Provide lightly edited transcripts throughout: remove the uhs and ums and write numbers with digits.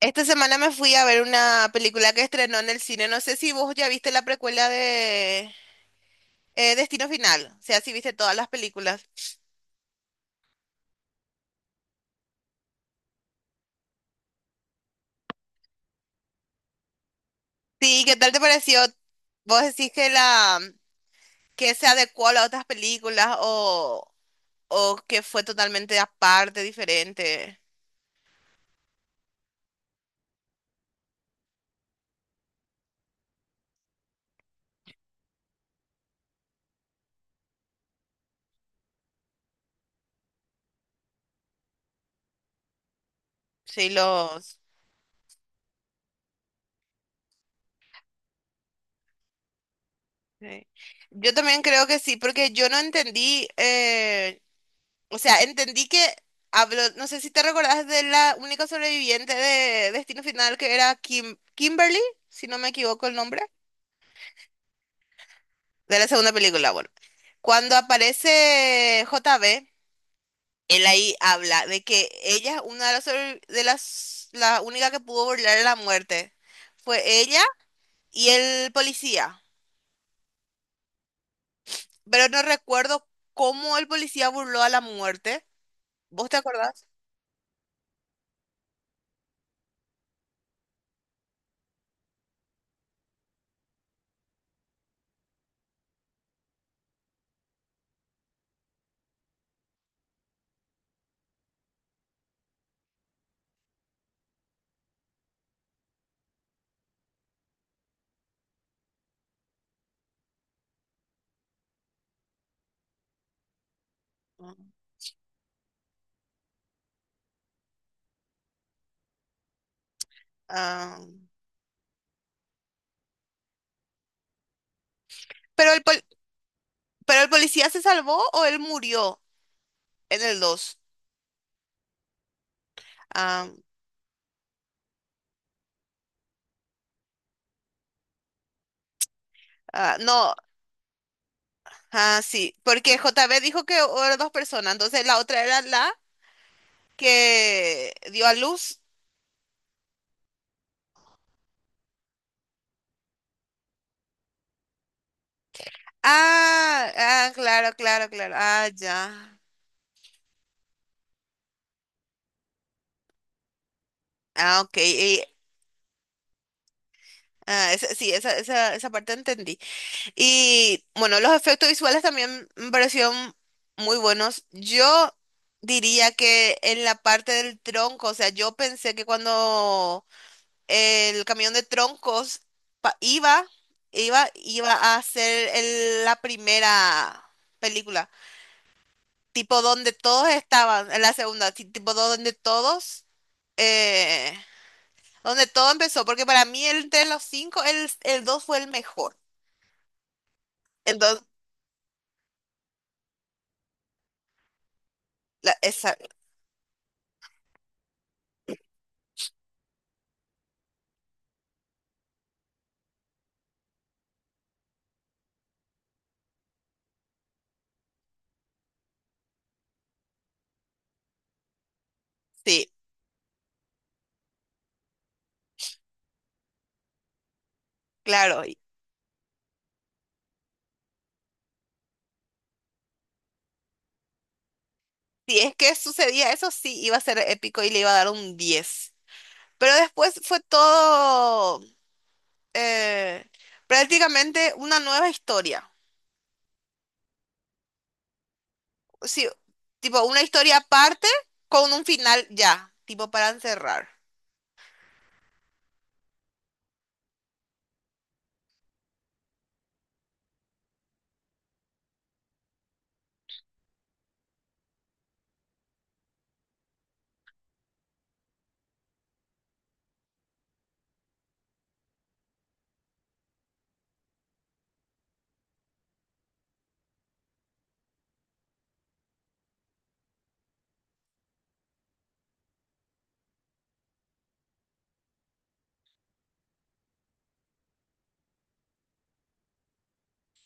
Esta semana me fui a ver una película que estrenó en el cine. No sé si vos ya viste la precuela de Destino Final. O sea, si viste todas las películas. Sí, ¿qué tal te pareció? ¿Vos decís que la que se adecuó a las otras películas o que fue totalmente aparte, diferente? Sí, los. Sí. Yo también creo que sí, porque yo no entendí. O sea, entendí que habló, no sé si te recordás de la única sobreviviente de Destino Final que era Kim, Kimberly, si no me equivoco el nombre, de la segunda película, bueno. Cuando aparece J. B. él ahí habla de que ella es una de las, de las la única que pudo burlar la muerte. Fue ella y el policía. Pero no recuerdo cómo el policía burló a la muerte. ¿Vos te acordás? Ah. Ah. Pero el, pol- ¿Pero el policía se salvó o él murió en el dos? Ah, ah, no, ah, sí, porque J JB dijo que eran dos personas, entonces la otra era la que dio a luz. Ah, ah, claro, claro, claro. Ah, ya. Ah, ok. Y, ah, sí, esa parte entendí. Y bueno, los efectos visuales también me parecieron muy buenos. Yo diría que en la parte del tronco, o sea, yo pensé que cuando el camión de troncos pa- iba, iba a ser la primera película, tipo donde todos estaban, en la segunda, tipo donde todos, eh, donde todo empezó, porque para mí entre los cinco, el dos fue el mejor. Entonces, esa, sí, claro. Y si es que sucedía eso, sí, iba a ser épico y le iba a dar un diez. Pero después fue todo eh, prácticamente una nueva historia. Sí, tipo una historia aparte con un final ya, tipo para encerrar.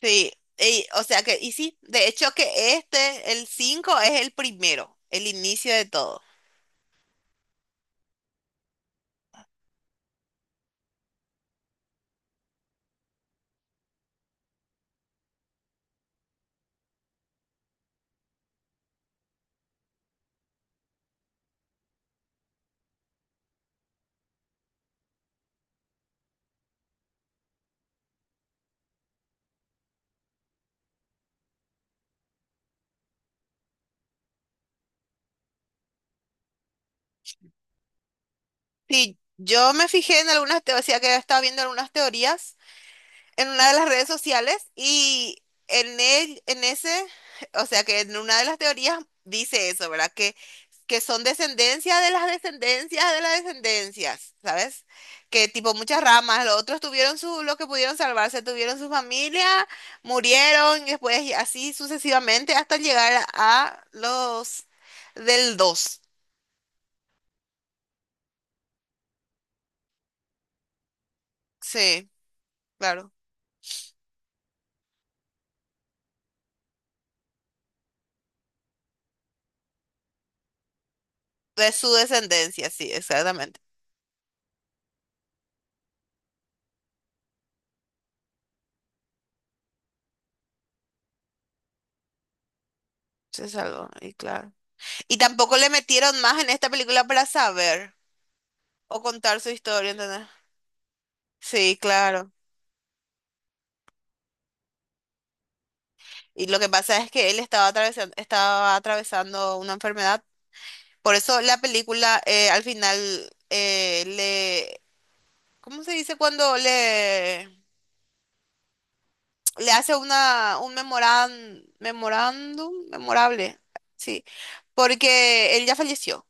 Sí, y o sea que, y sí, de hecho que este, el 5 es el primero, el inicio de todo. Sí, yo me fijé en algunas teorías, o sea que estaba viendo algunas teorías en una de las redes sociales y en en ese, o sea que en una de las teorías dice eso, ¿verdad? Que son descendencia de las descendencias, ¿sabes? Que tipo muchas ramas, los otros tuvieron su, lo que pudieron salvarse, tuvieron su familia, murieron y después y así sucesivamente hasta llegar a los del dos. Sí, claro. De su descendencia, sí, exactamente. Se salvó, y claro. Y tampoco le metieron más en esta película para saber o contar su historia, ¿entendés? Sí, claro. Y lo que pasa es que él estaba atravesando una enfermedad. Por eso la película al final le... ¿Cómo se dice cuando le hace una, un memorándum? Memorable. Sí. Porque él ya falleció.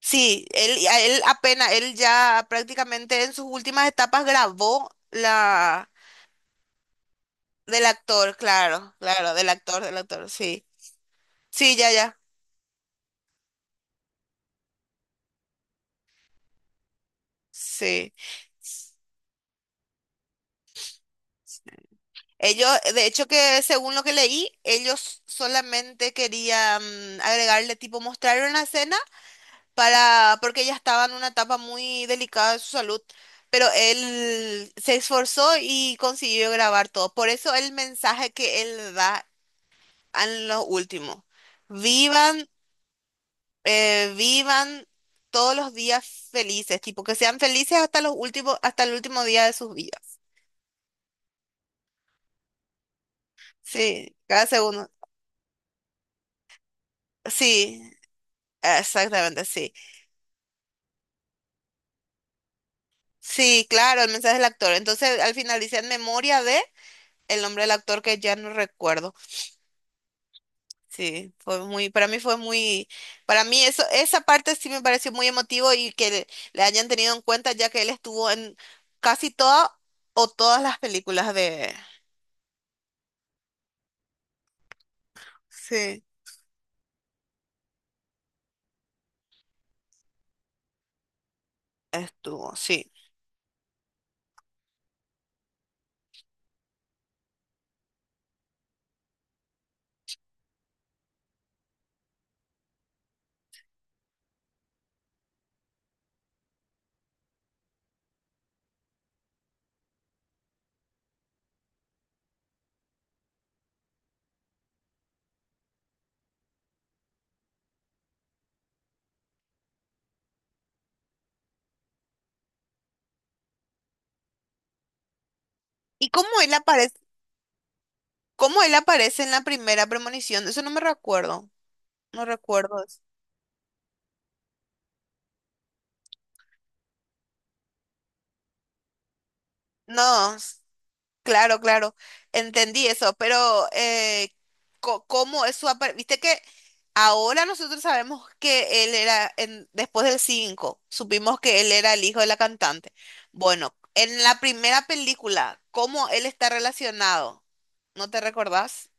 Sí, él, a él apenas, él ya prácticamente en sus últimas etapas grabó. Del actor, claro, claro, del actor, sí. Sí, ya, ya, sí. Ellos, de hecho que según lo que leí, ellos solamente querían agregarle, tipo, mostrarle una escena para, porque ella estaba en una etapa muy delicada de su salud, pero él se esforzó y consiguió grabar todo. Por eso el mensaje que él da en lo último, vivan vivan todos los días felices, tipo que sean felices hasta los últimos, hasta el último día de sus vidas. Sí, cada segundo. Sí, exactamente, sí. Sí, claro, el mensaje del actor. Entonces, al final dice en memoria de el nombre del actor que ya no recuerdo. Sí, fue muy, para mí fue muy, para mí eso, esa parte sí me pareció muy emotivo y que le hayan tenido en cuenta ya que él estuvo en casi todas o todas las películas de, sí, estuvo, sí. ¿Y cómo él aparece en la primera premonición? Eso no me recuerdo. No recuerdo eso. No, s- claro, claro. Entendí eso, pero ¿cómo es su aparición? Viste que ahora nosotros sabemos que él era, en- después del 5, supimos que él era el hijo de la cantante. Bueno, en la primera película, ¿cómo él está relacionado? ¿No te recordás?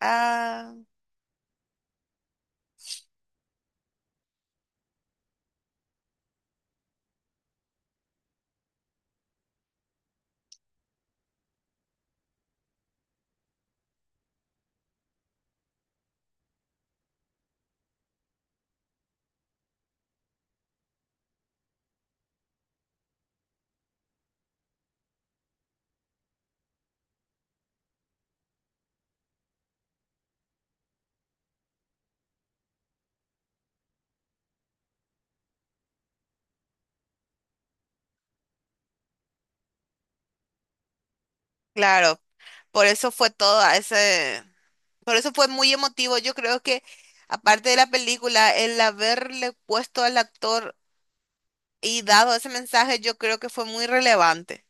Ah, claro. Por eso fue todo ese. Por eso fue muy emotivo. Yo creo que, aparte de la película, el haberle puesto al actor y dado ese mensaje, yo creo que fue muy relevante.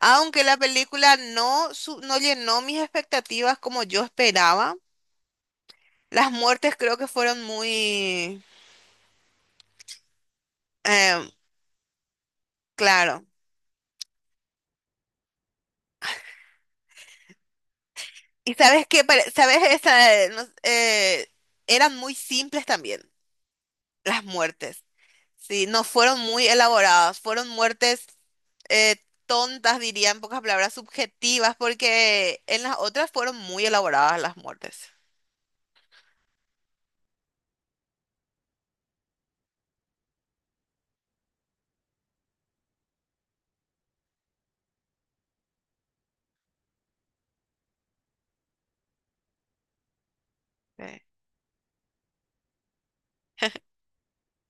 Aunque la película no, no llenó mis expectativas como yo esperaba, las muertes creo que fueron muy, em, claro. Y sabes qué, sabes, esa, eran muy simples también las muertes. Sí, no fueron muy elaboradas, fueron muertes eh, tontas, diría en pocas palabras, subjetivas, porque en las otras fueron muy elaboradas las muertes. Sí.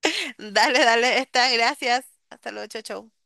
Dale, dale, está, gracias. Hasta luego, chau, chau.